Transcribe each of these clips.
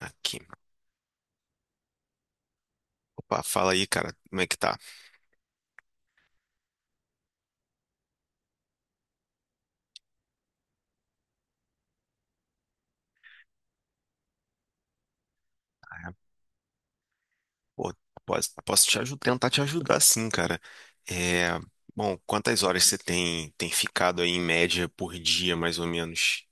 Aqui. Opa, fala aí, cara. Como é que tá? Ah, pô, posso te ajudar, tentar te ajudar sim, cara. É, bom, quantas horas você tem ficado aí em média por dia, mais ou menos?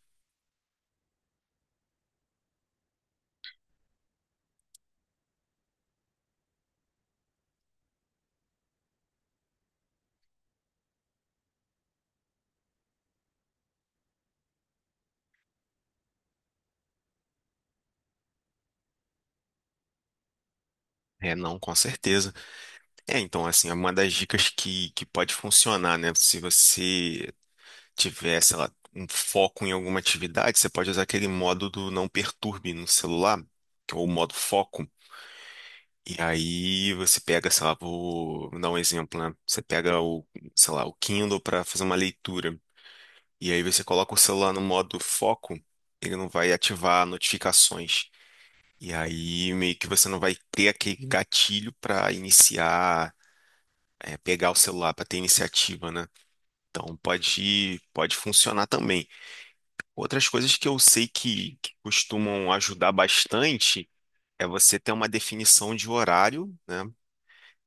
É, não, com certeza. É, então, assim, é uma das dicas que pode funcionar, né? Se você tiver, sei lá, um foco em alguma atividade, você pode usar aquele modo do não perturbe no celular, que é o modo foco. E aí você pega, sei lá, vou dar um exemplo, né? Você pega o, sei lá, o Kindle para fazer uma leitura. E aí você coloca o celular no modo foco, ele não vai ativar notificações. E aí meio que você não vai ter aquele gatilho para iniciar, pegar o celular para ter iniciativa, né? Então pode funcionar também. Outras coisas que eu sei que costumam ajudar bastante é você ter uma definição de horário, né?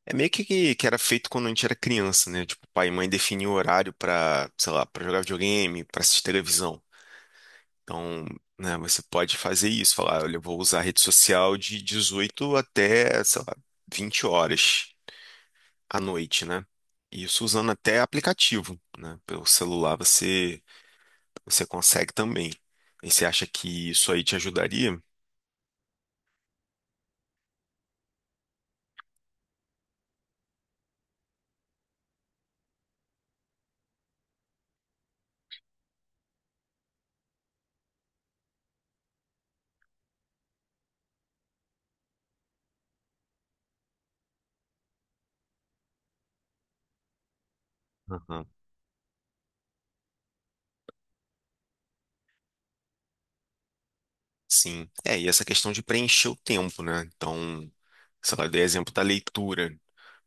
É meio que, que era feito quando a gente era criança, né? Tipo, pai e mãe definiam o horário pra, sei lá, pra jogar videogame, pra assistir televisão. Então, né, você pode fazer isso, falar, olha, eu vou usar a rede social de 18 até, sei lá, 20 horas à noite, né? Isso usando até aplicativo, né? Pelo celular você consegue também. E você acha que isso aí te ajudaria? Aham. Sim. É, e essa questão de preencher o tempo, né? Então, sei lá, eu dei exemplo da leitura.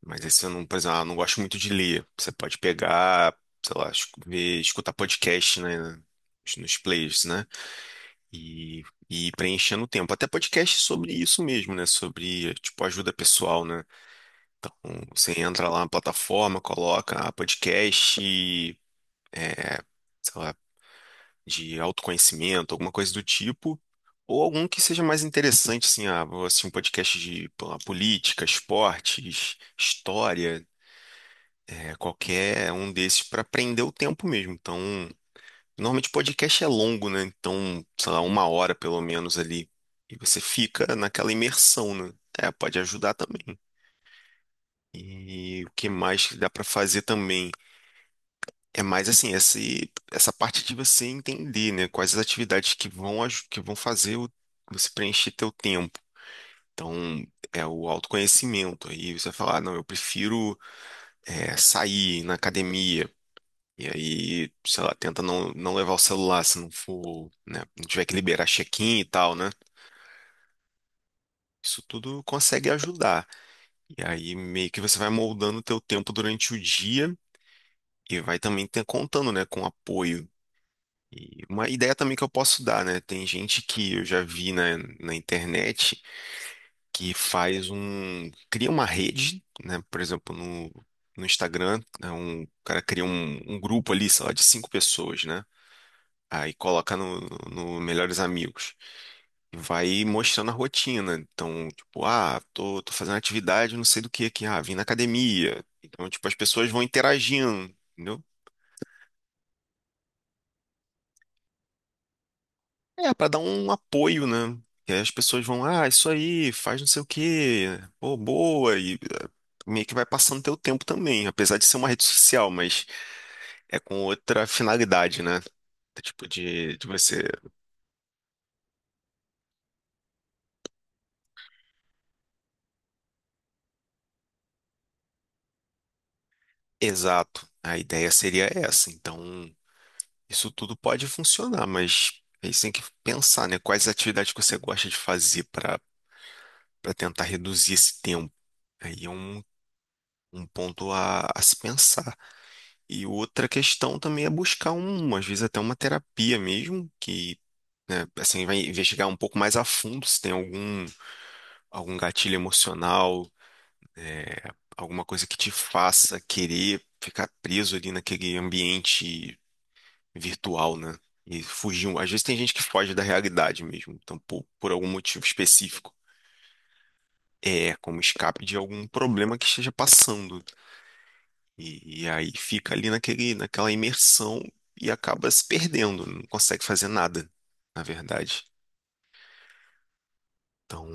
Mas esse eu não, por exemplo, eu não gosto muito de ler. Você pode pegar, sei lá, ver, escutar podcast, né? Nos players, né? E, e ir preenchendo o tempo. Até podcast sobre isso mesmo, né? Sobre, tipo, ajuda pessoal, né? Você entra lá na plataforma, coloca podcast, sei lá, de autoconhecimento, alguma coisa do tipo, ou algum que seja mais interessante, assim, ah, vou assistir um podcast de pô, lá, política, esportes, história, é, qualquer um desses para prender o tempo mesmo. Então, normalmente podcast é longo, né? Então, sei lá, uma hora pelo menos ali. E você fica naquela imersão, né? É, pode ajudar também. E o que mais que dá para fazer também? É mais assim, esse, essa parte de você entender, né, quais as atividades que vão, que vão fazer você preencher teu tempo. Então, é o autoconhecimento. Aí você vai falar, "Ah, não, eu prefiro sair ir na academia. E aí, sei lá, tenta não levar o celular se não for, né, não tiver que liberar check-in e tal, né? Isso tudo consegue ajudar. E aí meio que você vai moldando o teu tempo durante o dia e vai também ter, contando, né, com apoio. E uma ideia também que eu posso dar, né? Tem gente que eu já vi na internet que faz um, cria uma rede, né? Por exemplo, no Instagram, né? O cara cria um grupo ali, sei lá, de cinco pessoas, né? Aí coloca no Melhores Amigos e vai mostrando a rotina. Então, tipo, ah, tô fazendo atividade, não sei do que aqui, ah, vim na academia. Então, tipo, as pessoas vão interagindo. Entendeu? É, para dar um apoio, né? Que aí as pessoas vão, ah, isso aí, faz não sei o quê, pô, boa, e meio que vai passando teu tempo também, apesar de ser uma rede social, mas é com outra finalidade, né? Tipo, de você. Exato. A ideia seria essa. Então, isso tudo pode funcionar, mas aí você tem que pensar, né? Quais atividades que você gosta de fazer para para tentar reduzir esse tempo. Aí é um ponto a se pensar. E outra questão também é buscar um, às vezes até uma terapia mesmo, que, né, assim, vai investigar um pouco mais a fundo se tem algum gatilho emocional, é, alguma coisa que te faça querer ficar preso ali naquele ambiente virtual, né? E fugir. Às vezes tem gente que foge da realidade mesmo, então por algum motivo específico. É, como escape de algum problema que esteja passando. E aí fica ali naquele, naquela imersão e acaba se perdendo, não consegue fazer nada, na verdade. Então,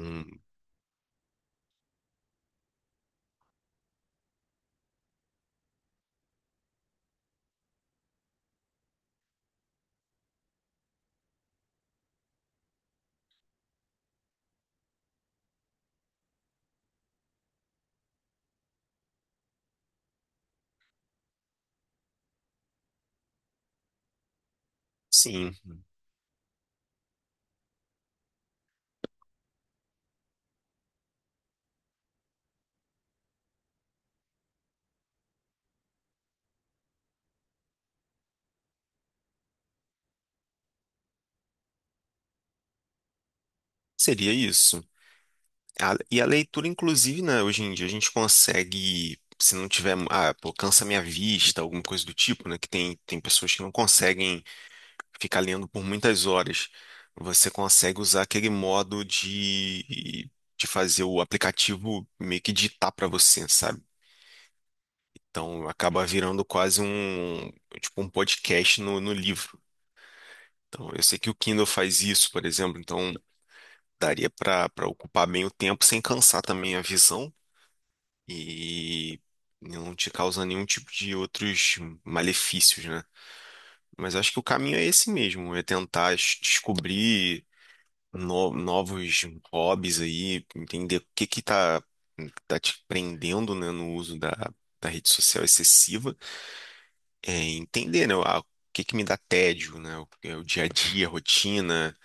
sim, seria isso. E a leitura, inclusive, né, hoje em dia a gente consegue, se não tiver, ah, pô, cansa minha vista, alguma coisa do tipo, né, que tem pessoas que não conseguem ficar lendo por muitas horas. Você consegue usar aquele modo de fazer o aplicativo meio que ditar para você, sabe? Então acaba virando quase um, tipo, um podcast no livro. Então eu sei que o Kindle faz isso, por exemplo, então daria para para ocupar bem o tempo sem cansar também a visão e não te causar nenhum tipo de outros malefícios, né? Mas acho que o caminho é esse mesmo, é tentar descobrir novos hobbies aí, entender o que que tá te prendendo, né, no uso da rede social excessiva é, entender, né, o que que me dá tédio, né, o, é o dia a dia, a rotina,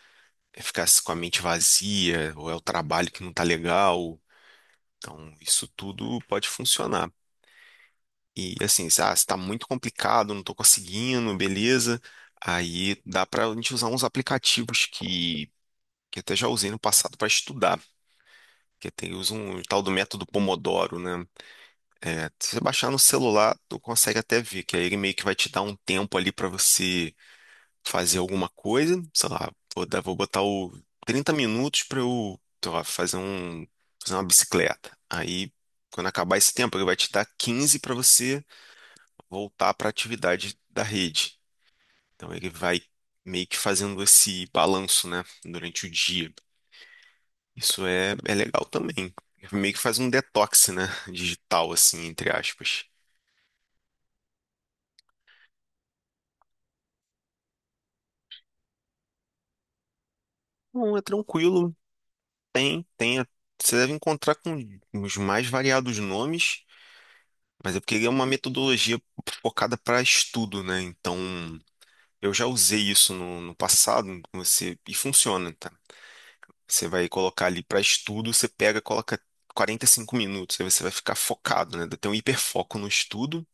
é ficar com a mente vazia, ou é o trabalho que não tá legal. Então, isso tudo pode funcionar. E assim, se se tá muito complicado, não tô conseguindo, beleza. Aí dá pra gente usar uns aplicativos que até já usei no passado para estudar. Que tem, usa um tal do método Pomodoro, né? É, se você baixar no celular, tu consegue até ver, que aí ele meio que vai te dar um tempo ali para você fazer alguma coisa, sei lá, vou botar o 30 minutos para eu, sei lá, fazer uma bicicleta. Aí, quando acabar esse tempo, ele vai te dar 15 para você voltar para a atividade da rede. Então, ele vai meio que fazendo esse balanço, né, durante o dia. Isso é, é legal também. Meio que faz um detox, né, digital, assim, entre aspas. Não, é tranquilo, tem. Você deve encontrar com os mais variados nomes. Mas é porque ele é uma metodologia focada para estudo, né? Então, eu já usei isso no passado, você, e funciona, tá? Você vai colocar ali para estudo, você pega, coloca 45 minutos, aí você vai ficar focado, né? Tem um hiperfoco no estudo,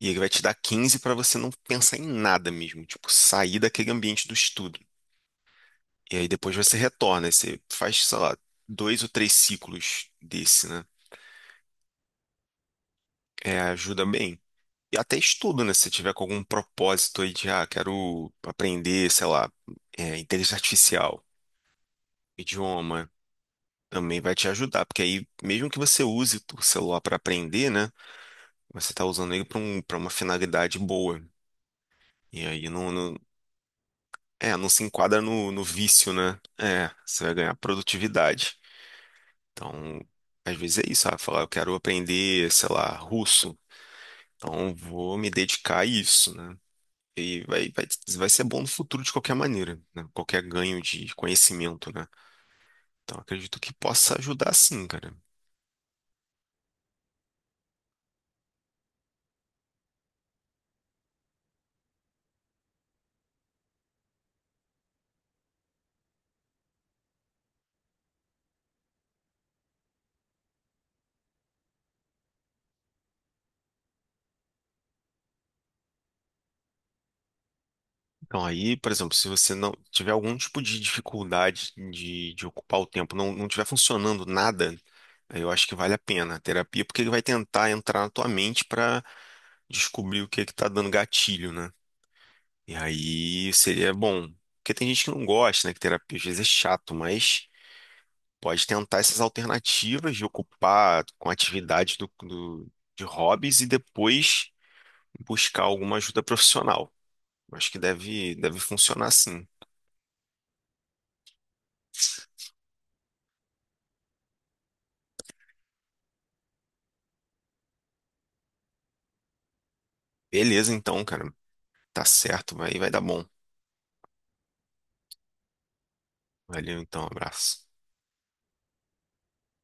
e ele vai te dar 15 para você não pensar em nada mesmo, tipo, sair daquele ambiente do estudo. E aí depois você retorna, aí você faz, sei lá, dois ou três ciclos desse, né? É, ajuda bem. E até estudo, né? Se tiver com algum propósito aí de, ah, quero aprender, sei lá, é, inteligência artificial, idioma, também vai te ajudar, porque aí, mesmo que você use o celular para aprender, né? Você tá usando ele para uma finalidade boa. E aí não se enquadra no vício, né? É, você vai ganhar produtividade. Então, às vezes é isso, ah, falar, eu quero aprender, sei lá, russo. Então, vou me dedicar a isso, né? E vai ser bom no futuro de qualquer maneira, né? Qualquer ganho de conhecimento, né? Então, acredito que possa ajudar sim, cara. Então, aí, por exemplo, se você não tiver algum tipo de dificuldade de ocupar o tempo, não tiver funcionando nada, aí eu acho que vale a pena a terapia, porque ele vai tentar entrar na tua mente para descobrir o que é que tá dando gatilho, né? E aí seria bom. Porque tem gente que não gosta, né? Que terapia às vezes é chato, mas. Pode tentar essas alternativas de ocupar com atividades de hobbies e depois buscar alguma ajuda profissional. Acho que deve funcionar sim. Beleza, então, cara. Tá certo, vai dar bom. Valeu, então, abraço.